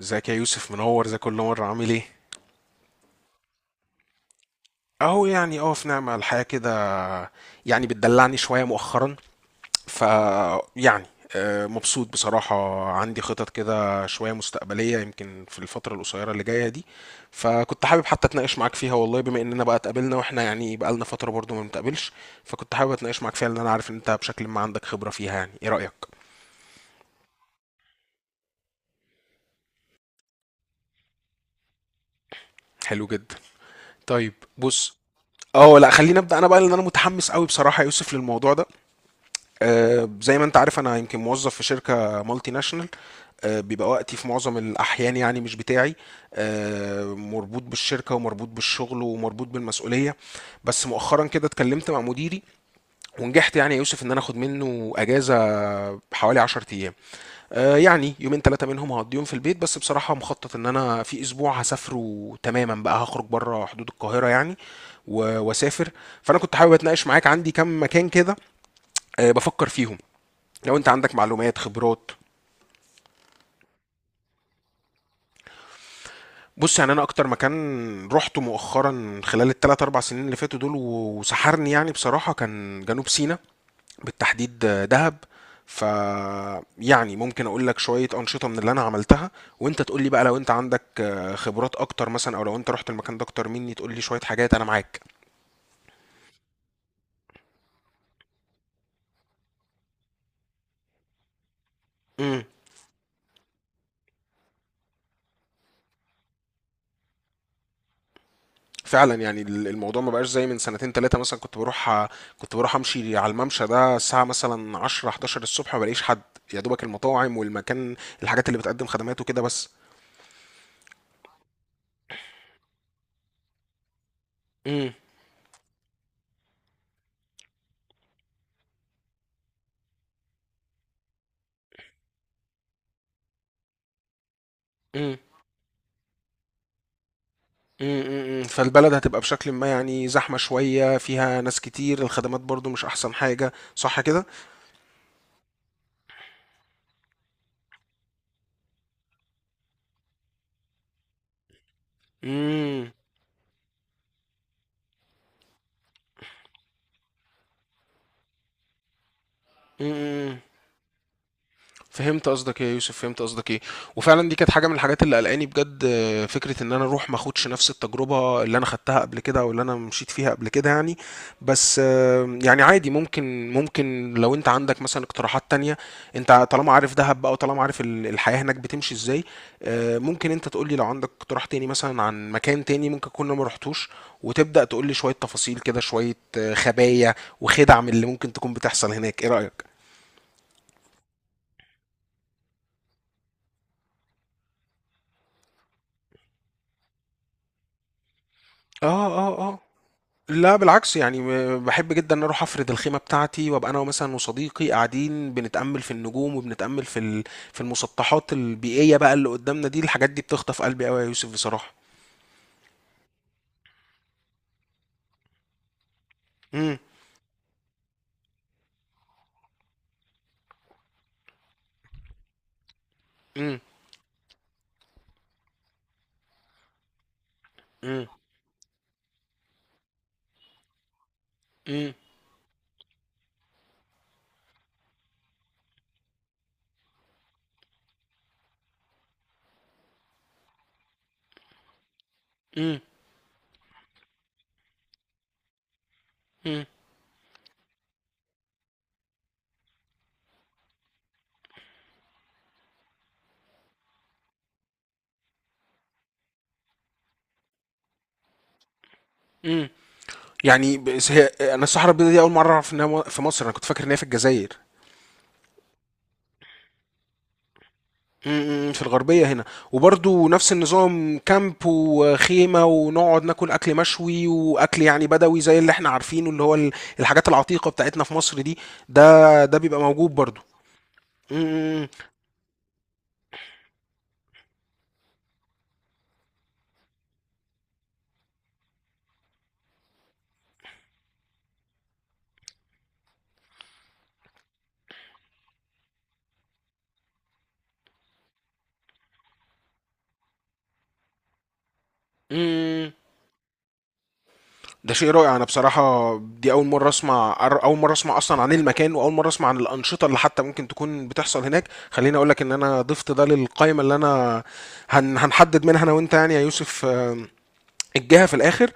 ازيك يا يوسف منور زي كل مرة عامل ايه؟ اهو يعني اه في نعمة الحياة كده. يعني بتدلعني شوية مؤخرا. ف يعني مبسوط بصراحة. عندي خطط كده شوية مستقبلية يمكن في الفترة القصيرة اللي جاية دي. فكنت حابب حتى اتناقش معاك فيها والله، بما اننا بقى اتقابلنا واحنا يعني بقالنا فترة برضو ما بنتقابلش. فكنت حابب اتناقش معاك فيها لان انا عارف ان انت بشكل ما عندك خبرة فيها. يعني ايه رأيك؟ حلو جدا. طيب بص، اه لا خليني ابدا انا بقى لان انا متحمس قوي بصراحه يا يوسف للموضوع ده. زي ما انت عارف انا يمكن موظف في شركه مالتي ناشونال. بيبقى وقتي في معظم الاحيان يعني مش بتاعي. مربوط بالشركه ومربوط بالشغل ومربوط بالمسؤوليه. بس مؤخرا كده اتكلمت مع مديري، ونجحت يعني يا يوسف ان انا اخد منه اجازه حوالي 10 ايام. يعني يومين ثلاثه منهم هقضيهم في البيت، بس بصراحه مخطط ان انا في اسبوع هسافره تماما بقى، هخرج بره حدود القاهره يعني واسافر. فانا كنت حابب اتناقش معاك، عندي كام مكان كده بفكر فيهم، لو انت عندك معلومات خبرات. بص يعني انا اكتر مكان رحته مؤخرا خلال الثلاث اربع سنين اللي فاتوا دول وسحرني يعني بصراحة كان جنوب سيناء، بالتحديد دهب. ف يعني ممكن اقول لك شوية انشطة من اللي انا عملتها، وانت تقول لي بقى لو انت عندك خبرات اكتر مثلا، او لو انت رحت المكان ده اكتر مني تقول لي شوية حاجات. انا معاك. امم. فعلا يعني الموضوع ما بقاش زي من سنتين ثلاثة مثلا. كنت بروح كنت بروح امشي على الممشى ده الساعة مثلا 10 11 الصبح ما بلاقيش حد، يا دوبك المطاعم والمكان، الحاجات اللي بتقدم خدمات وكده بس. امم. امم. امم. فالبلد هتبقى بشكل ما يعني زحمة شوية، فيها ناس كتير، الخدمات برضو مش احسن حاجة، صح كده؟ امم. فهمت قصدك ايه يا يوسف، فهمت قصدك ايه. وفعلا دي كانت حاجه من الحاجات اللي قلقاني بجد. فكره ان انا اروح ما اخدش نفس التجربه اللي انا خدتها قبل كده، او اللي انا مشيت فيها قبل كده يعني. بس يعني عادي، ممكن لو انت عندك مثلا اقتراحات تانية، انت طالما عارف دهب بقى وطالما عارف الحياه هناك بتمشي ازاي. ممكن انت تقول لي لو عندك اقتراح تاني مثلا عن مكان تاني ممكن كنا ما رحتوش، وتبدا تقول لي شويه تفاصيل كده، شويه خبايا وخدع من اللي ممكن تكون بتحصل هناك. ايه رايك؟ اه اه اه. لا بالعكس يعني بحب جدا ان اروح افرد الخيمه بتاعتي، وابقى انا مثلا وصديقي قاعدين بنتامل في النجوم وبنتامل في في المسطحات البيئيه بقى اللي قدامنا دي. الحاجات دي بتخطف قلبي قوي يا يوسف بصراحه. امم. امم. امم. امم. امم. امم. امم. يعني بس هي انا الصحراء البيضاء دي اول مره اعرف انها في مصر. انا كنت فاكر ان هي في الجزائر. في الغربية هنا. وبرضو نفس النظام، كامب وخيمة ونقعد ناكل أكل مشوي وأكل يعني بدوي زي اللي احنا عارفينه، اللي هو الحاجات العتيقة بتاعتنا في مصر دي، ده بيبقى موجود برضو. امم، امم. ده شيء رائع. أنا بصراحة دي أول مرة أسمع أول مرة أسمع أصلا عن المكان، وأول مرة أسمع عن الأنشطة اللي حتى ممكن تكون بتحصل هناك. خليني أقول لك إن أنا ضفت ده للقائمة اللي أنا هنحدد منها أنا وأنت يعني يا يوسف. آم، الجهة في الآخر.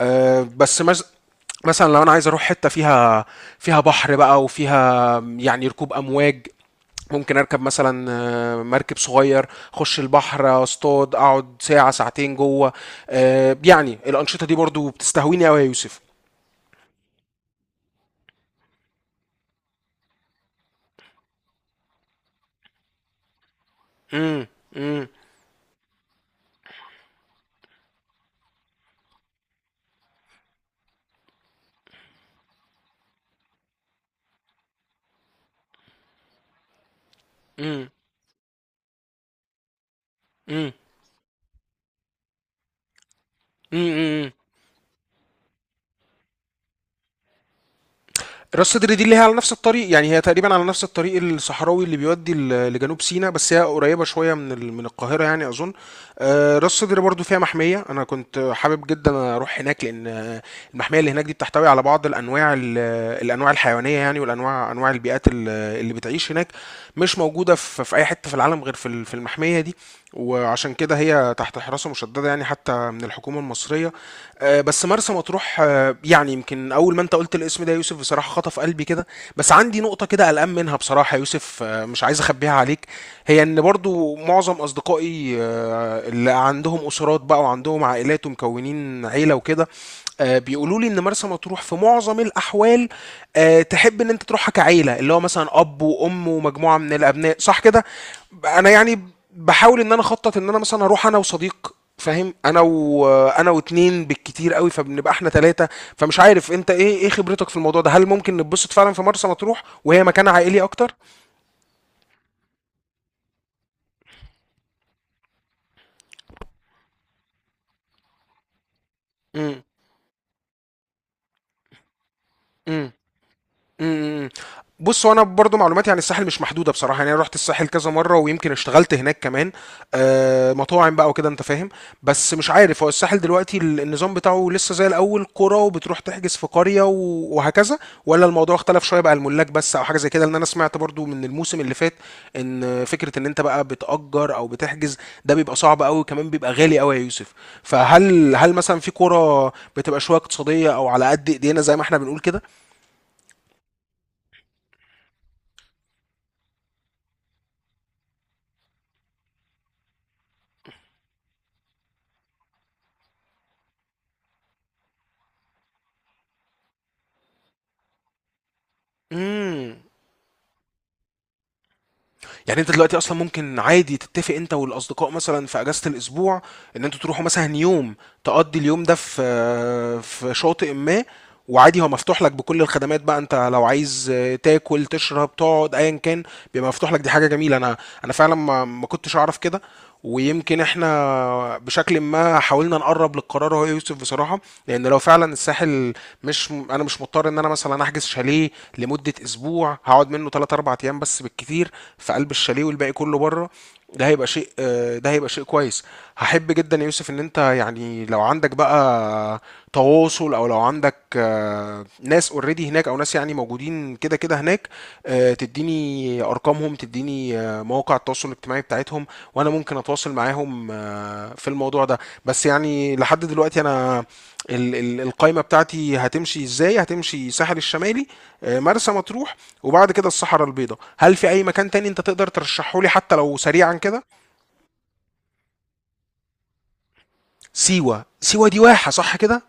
آه، بس مز... مثلا لو انا عايز اروح حته فيها، فيها بحر بقى وفيها يعني ركوب امواج، ممكن اركب مثلا مركب صغير، اخش البحر، اصطاد، اقعد ساعه ساعتين جوه. يعني الانشطه دي برضو بتستهويني قوي يا يوسف. امم. امم. امم. امم. راس سدر دي اللي هي على نفس الطريق، يعني هي تقريبا على نفس الطريق الصحراوي اللي بيودي لجنوب سيناء، بس هي قريبة شوية من من القاهرة يعني أظن. راس سدر برضو فيها محمية، أنا كنت حابب جدا أروح هناك لأن المحمية اللي هناك دي بتحتوي على بعض الأنواع الأنواع الحيوانية يعني، والأنواع أنواع البيئات اللي بتعيش هناك مش موجودة في في أي حتة في العالم غير في في المحمية دي. وعشان كده هي تحت حراسة مشددة يعني حتى من الحكومة المصرية. بس مرسى مطروح، يعني يمكن اول ما انت قلت الاسم ده يا يوسف بصراحه خطف قلبي كده. بس عندي نقطه كده قلقان منها بصراحه يا يوسف، مش عايز اخبيها عليك. هي ان برضو معظم اصدقائي اللي عندهم اسرات بقى وعندهم عائلات ومكونين عيله وكده، بيقولوا لي ان مرسى مطروح في معظم الاحوال تحب ان انت تروحها كعيله، اللي هو مثلا اب وام ومجموعه من الابناء، صح كده؟ انا يعني بحاول ان انا اخطط ان انا مثلا اروح انا وصديق فاهم، انا انا واتنين بالكتير قوي، فبنبقى احنا ثلاثه. فمش عارف انت ايه خبرتك في الموضوع ده، هل ممكن نتبسط فعلا في مرسى مطروح وهي مكان عائلي اكتر؟ امم. امم، امم. بص هو انا برضو معلوماتي عن الساحل مش محدوده بصراحه، يعني انا رحت الساحل كذا مره، ويمكن اشتغلت هناك كمان، آه مطاعم بقى وكده انت فاهم. بس مش عارف هو الساحل دلوقتي النظام بتاعه لسه زي الاول قرى، وبتروح تحجز في قريه وهكذا، ولا الموضوع اختلف شويه بقى، الملاك بس او حاجه زي كده. لان انا سمعت برضو من الموسم اللي فات ان فكره ان انت بقى بتأجر او بتحجز ده بيبقى صعب قوي، وكمان بيبقى غالي قوي يا يوسف. هل مثلا في قرى بتبقى شويه اقتصاديه او على قد ايدينا زي ما احنا بنقول كده؟ امم. يعني انت دلوقتي اصلا ممكن عادي تتفق انت والاصدقاء مثلا في اجازة الاسبوع ان انتوا تروحوا مثلا يوم، تقضي اليوم ده في في شاطئ ما، وعادي هو مفتوح لك بكل الخدمات بقى، انت لو عايز تاكل تشرب تقعد ايا كان بيبقى مفتوح لك. دي حاجة جميلة، انا فعلا ما كنتش اعرف كده. ويمكن احنا بشكل ما حاولنا نقرب للقرار، هو يوسف بصراحة، لان لو فعلا الساحل مش انا مش مضطر ان انا مثلا احجز شاليه لمده اسبوع، هقعد منه 3 4 ايام بس بالكتير في قلب الشاليه والباقي كله بره، ده هيبقى شيء ده هيبقى شيء كويس. هحب جدا يا يوسف ان انت يعني لو عندك بقى تواصل، او لو عندك ناس اوريدي هناك، او ناس يعني موجودين كده كده هناك، تديني ارقامهم، تديني مواقع التواصل الاجتماعي بتاعتهم، وانا ممكن اتواصل معاهم في الموضوع ده. بس يعني لحد دلوقتي انا القايمة بتاعتي هتمشي ازاي، هتمشي ساحل الشمالي، مرسى مطروح، وبعد كده الصحراء البيضاء. هل في اي مكان تاني انت تقدر ترشحه لي حتى لو سريعا كده؟ سيوة، سيوة دي واحة صح كده؟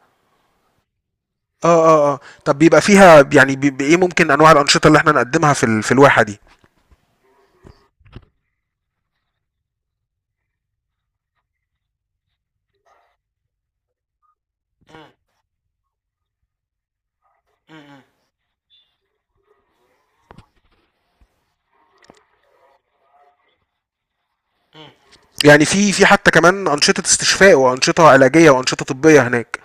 اه اه اه. طب بيبقى فيها يعني بيبقى ايه ممكن انواع الانشطة اللي احنا نقدمها في في الواحة دي؟ يعني في في حتى كمان انشطة استشفاء وانشطة علاجية وانشطة طبية هناك؟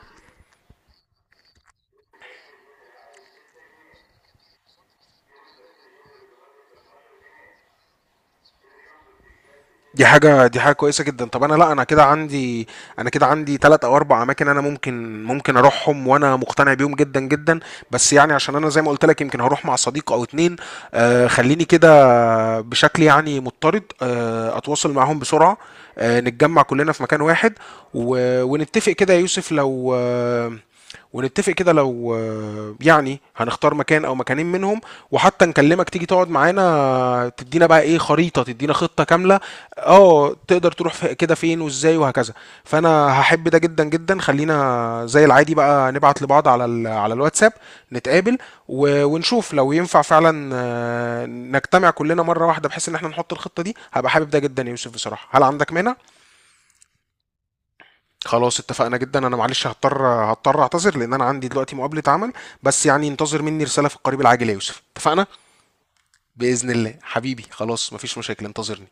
دي حاجة، دي حاجة كويسة جدا. طب انا لا انا كده عندي، تلات او اربع اماكن انا ممكن اروحهم وانا مقتنع بيهم جدا جدا. بس يعني عشان انا زي ما قلت لك يمكن هروح مع صديق او اتنين، آه خليني كده بشكل يعني مضطرد آه اتواصل معاهم بسرعة، آه نتجمع كلنا في مكان واحد ونتفق كده يا يوسف لو ونتفق كده لو آه، يعني هنختار مكان او مكانين منهم، وحتى نكلمك تيجي تقعد معانا، تدينا بقى ايه، خريطة، تدينا خطة كاملة، اه تقدر تروح في كده فين وازاي وهكذا. فانا هحب ده جدا جدا. خلينا زي العادي بقى نبعت لبعض على على الواتساب، نتقابل ونشوف لو ينفع فعلا نجتمع كلنا مرة واحدة بحيث ان احنا نحط الخطة دي. هبقى حابب ده جدا يا يوسف بصراحة، هل عندك مانع؟ خلاص، اتفقنا جدا. انا معلش هضطر، اعتذر لان انا عندي دلوقتي مقابلة عمل. بس يعني انتظر مني رسالة في القريب العاجل يا يوسف، اتفقنا. بإذن الله حبيبي، خلاص مفيش مشاكل، انتظرني.